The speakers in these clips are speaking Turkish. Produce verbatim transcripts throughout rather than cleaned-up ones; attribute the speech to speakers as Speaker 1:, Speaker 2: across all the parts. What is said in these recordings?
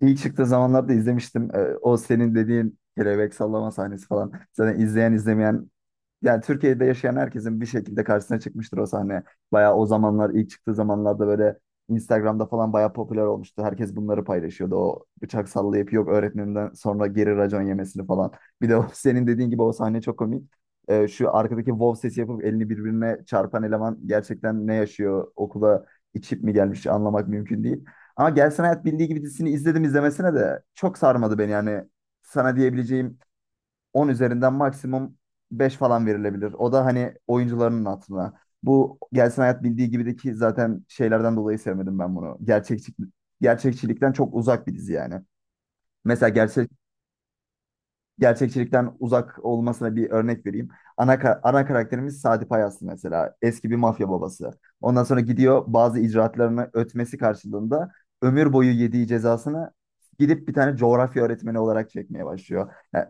Speaker 1: İlk çıktığı zamanlarda izlemiştim. Ee, O senin dediğin kelebek sallama sahnesi falan. Zaten izleyen izlemeyen yani Türkiye'de yaşayan herkesin bir şekilde karşısına çıkmıştır o sahne. Bayağı o zamanlar ilk çıktığı zamanlarda böyle Instagram'da falan bayağı popüler olmuştu. Herkes bunları paylaşıyordu. O bıçak sallayıp yok öğretmeninden sonra geri racon yemesini falan. Bir de o, senin dediğin gibi o sahne çok komik. Ee, şu arkadaki wow sesi yapıp elini birbirine çarpan eleman gerçekten ne yaşıyor? Okula içip mi gelmiş anlamak mümkün değil. Ama Gelsin Hayat Bildiği Gibi dizisini izledim izlemesine de çok sarmadı beni yani. Sana diyebileceğim on üzerinden maksimum beş falan verilebilir. O da hani oyuncularının hatırına. Bu Gelsin Hayat bildiği gibideki zaten şeylerden dolayı sevmedim ben bunu. Gerçekçi, gerçekçilikten çok uzak bir dizi yani. Mesela gerçekçilikten uzak olmasına bir örnek vereyim. Ana, ka- ana karakterimiz Sadi Payaslı mesela. Eski bir mafya babası. Ondan sonra gidiyor bazı icraatlarını ötmesi karşılığında ömür boyu yediği cezasını gidip bir tane coğrafya öğretmeni olarak çekmeye başlıyor. Yani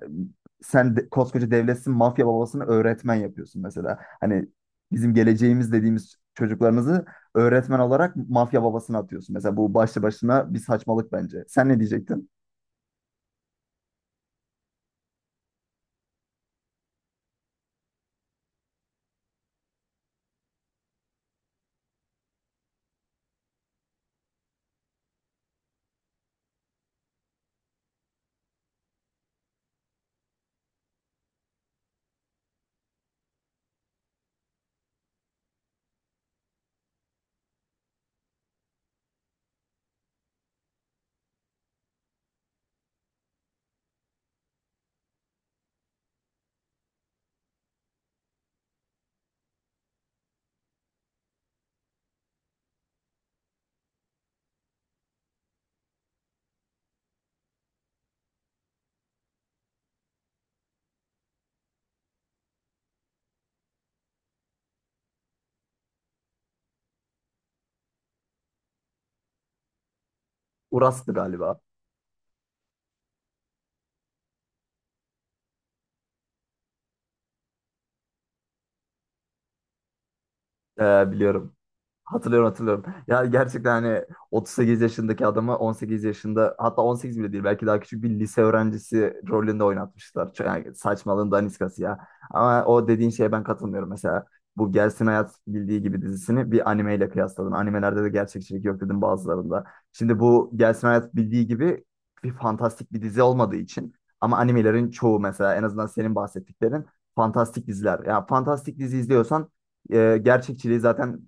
Speaker 1: sen de- koskoca devletsin, mafya babasını öğretmen yapıyorsun mesela. Hani bizim geleceğimiz dediğimiz çocuklarınızı öğretmen olarak mafya babasına atıyorsun. Mesela bu başlı başına bir saçmalık bence. Sen ne diyecektin? Uras'tı galiba. Ee, biliyorum. Hatırlıyorum, hatırlıyorum. Ya gerçekten hani otuz sekiz yaşındaki adamı on sekiz yaşında, hatta on sekiz bile değil, belki daha küçük bir lise öğrencisi rolünde oynatmışlar. Çok- Yani saçmalığın daniskası ya. Ama o dediğin şeye ben katılmıyorum. Mesela bu Gelsin Hayat Bildiği Gibi dizisini bir animeyle kıyasladım. Animelerde de gerçekçilik yok dedim bazılarında. Şimdi bu Gelsin Hayat Bildiği Gibi bir fantastik bir dizi olmadığı için, ama animelerin çoğu mesela, en azından senin bahsettiklerin fantastik diziler. Ya fantastik dizi izliyorsan e, gerçekçiliği zaten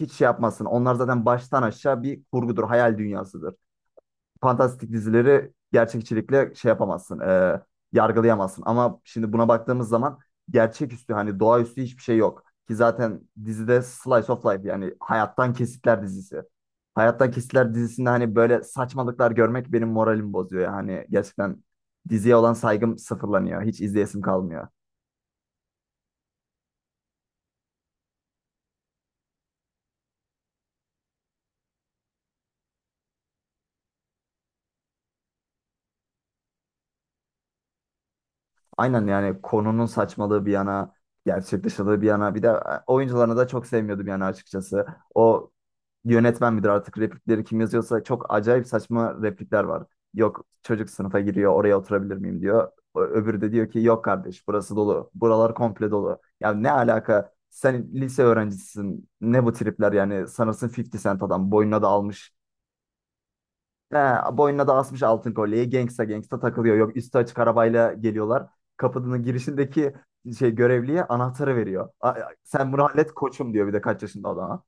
Speaker 1: hiç şey yapmasın. Onlar zaten baştan aşağı bir kurgudur, hayal dünyasıdır. Fantastik dizileri gerçekçilikle şey yapamazsın, e, yargılayamazsın. Ama şimdi buna baktığımız zaman gerçeküstü, hani doğaüstü hiçbir şey yok. Ki zaten dizide Slice of Life, yani hayattan kesitler dizisi. Hayattan Kesitler dizisinde hani böyle saçmalıklar görmek benim moralimi bozuyor. Yani gerçekten diziye olan saygım sıfırlanıyor. Hiç izleyesim kalmıyor. Aynen, yani konunun saçmalığı bir yana, gerçek dışılığı bir yana. Bir de e, oyuncularını da çok sevmiyordum yani, açıkçası. O yönetmen midir artık, replikleri kim yazıyorsa, çok acayip saçma replikler var. Yok çocuk sınıfa giriyor, oraya oturabilir miyim diyor. Ö- Öbürü de diyor ki yok kardeş, burası dolu. Buralar komple dolu. Ya ne alaka? Sen lise öğrencisisin. Ne bu tripler yani? Sanırsın elli Cent, adam boynuna da almış. He, boynuna da asmış altın kolyeyi. Gangsta gangsta takılıyor. Yok üstü açık arabayla geliyorlar. Kapının girişindeki şey görevliye anahtarı veriyor. "A- a- Sen bunu hallet koçum diyor, bir de kaç yaşında adam.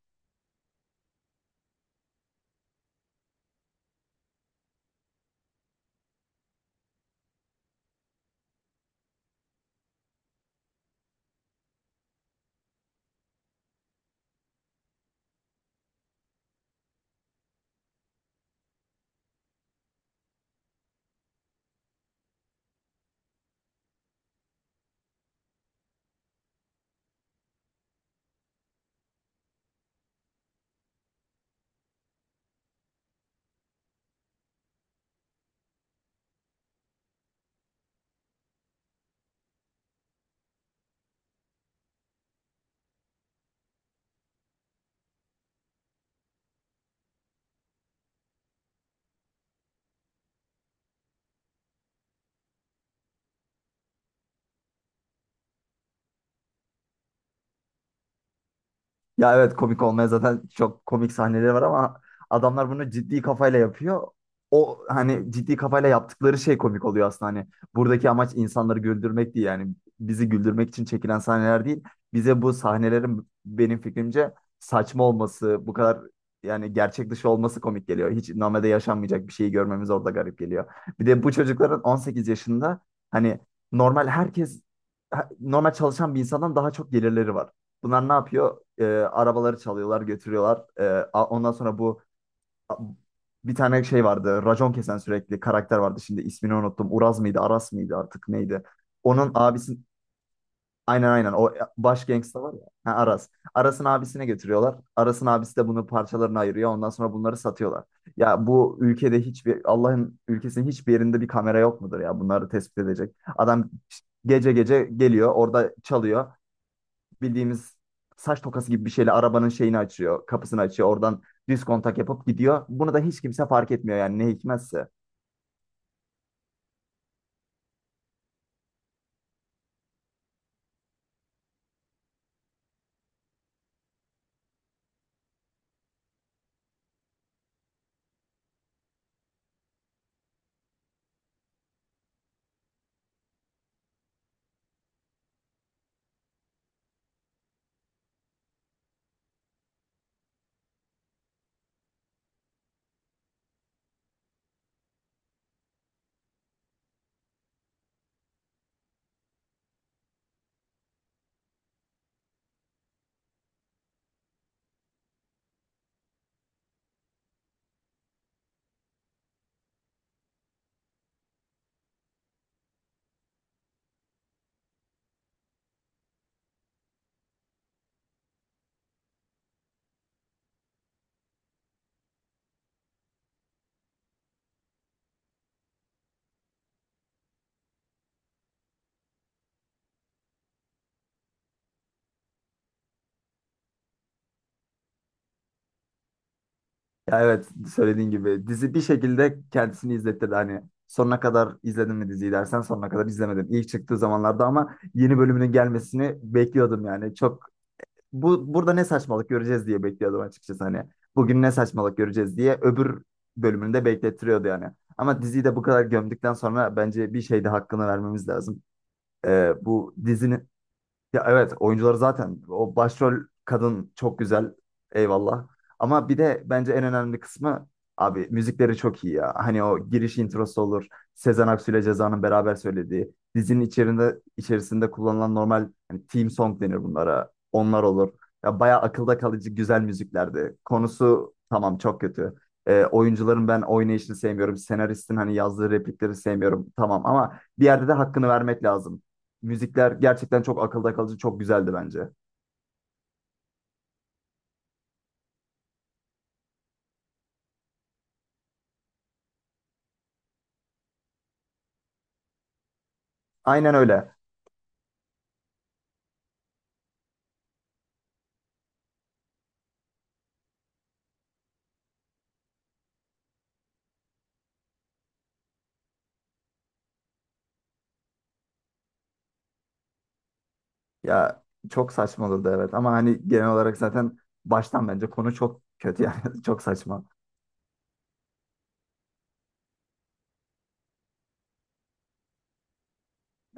Speaker 1: Ya evet, komik olmaya zaten çok komik sahneleri var, ama adamlar bunu ciddi kafayla yapıyor. O hani ciddi kafayla yaptıkları şey komik oluyor aslında, hani buradaki amaç insanları güldürmek değil yani, bizi güldürmek için çekilen sahneler değil. Bize bu sahnelerin, benim fikrimce, saçma olması, bu kadar yani gerçek dışı olması komik geliyor. Hiç normalde yaşanmayacak bir şeyi görmemiz orada garip geliyor. Bir de bu çocukların on sekiz yaşında, hani normal herkes, normal çalışan bir insandan daha çok gelirleri var. Bunlar ne yapıyor? E, arabaları çalıyorlar, götürüyorlar. E, a- ondan sonra bu a- bir tane şey vardı. Racon kesen sürekli karakter vardı. Şimdi ismini unuttum. Uraz mıydı, Aras mıydı artık neydi? Onun abisi... Aynen, aynen, o e, baş gangsta var ya. Ha, Aras. Aras'ın abisine götürüyorlar. Aras'ın abisi de bunu parçalarına ayırıyor. Ondan sonra bunları satıyorlar. Ya bu ülkede hiçbir, Allah'ın ülkesinin hiçbir yerinde bir kamera yok mudur ya, bunları tespit edecek. Adam gece gece geliyor, orada çalıyor, bildiğimiz saç tokası gibi bir şeyle arabanın şeyini açıyor. Kapısını açıyor. Oradan düz kontak yapıp gidiyor. Bunu da hiç kimse fark etmiyor yani, ne hikmetse. Ya evet, söylediğin gibi dizi bir şekilde kendisini izlettirdi. Hani sonuna kadar izledin mi diziyi dersen, sonuna kadar izlemedim. İlk çıktığı zamanlarda ama yeni bölümünün gelmesini bekliyordum yani. Çok, bu burada ne saçmalık göreceğiz diye bekliyordum açıkçası hani. Bugün ne saçmalık göreceğiz diye öbür bölümünü de beklettiriyordu yani. Ama diziyi de bu kadar gömdükten sonra bence bir şey de hakkını vermemiz lazım. Ee, bu dizinin... Ya evet, oyuncuları zaten, o başrol kadın çok güzel, eyvallah. Ama bir de bence en önemli kısmı, abi müzikleri çok iyi ya. Hani o giriş introsu olur. Sezen Aksu ile Ceza'nın beraber söylediği. Dizinin içerisinde içerisinde kullanılan normal, hani theme song denir bunlara. Onlar olur. Ya bayağı akılda kalıcı güzel müziklerdi. Konusu tamam, çok kötü. Ee, oyuncuların ben oynayışını sevmiyorum. Senaristin hani yazdığı replikleri sevmiyorum. Tamam, ama bir yerde de hakkını vermek lazım. Müzikler gerçekten çok akılda kalıcı, çok güzeldi bence. Aynen öyle. Ya çok saçmaladı evet, ama hani genel olarak zaten baştan bence konu çok kötü yani, çok saçma.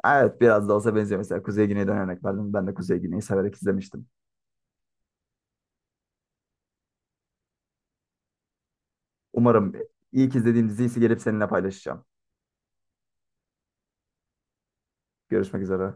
Speaker 1: Evet, biraz da olsa benziyor. Mesela Kuzey Güney'den örnek verdim. Ben de Kuzey Güney'i severek izlemiştim. Umarım ilk izlediğim dizi ise gelip seninle paylaşacağım. Görüşmek üzere.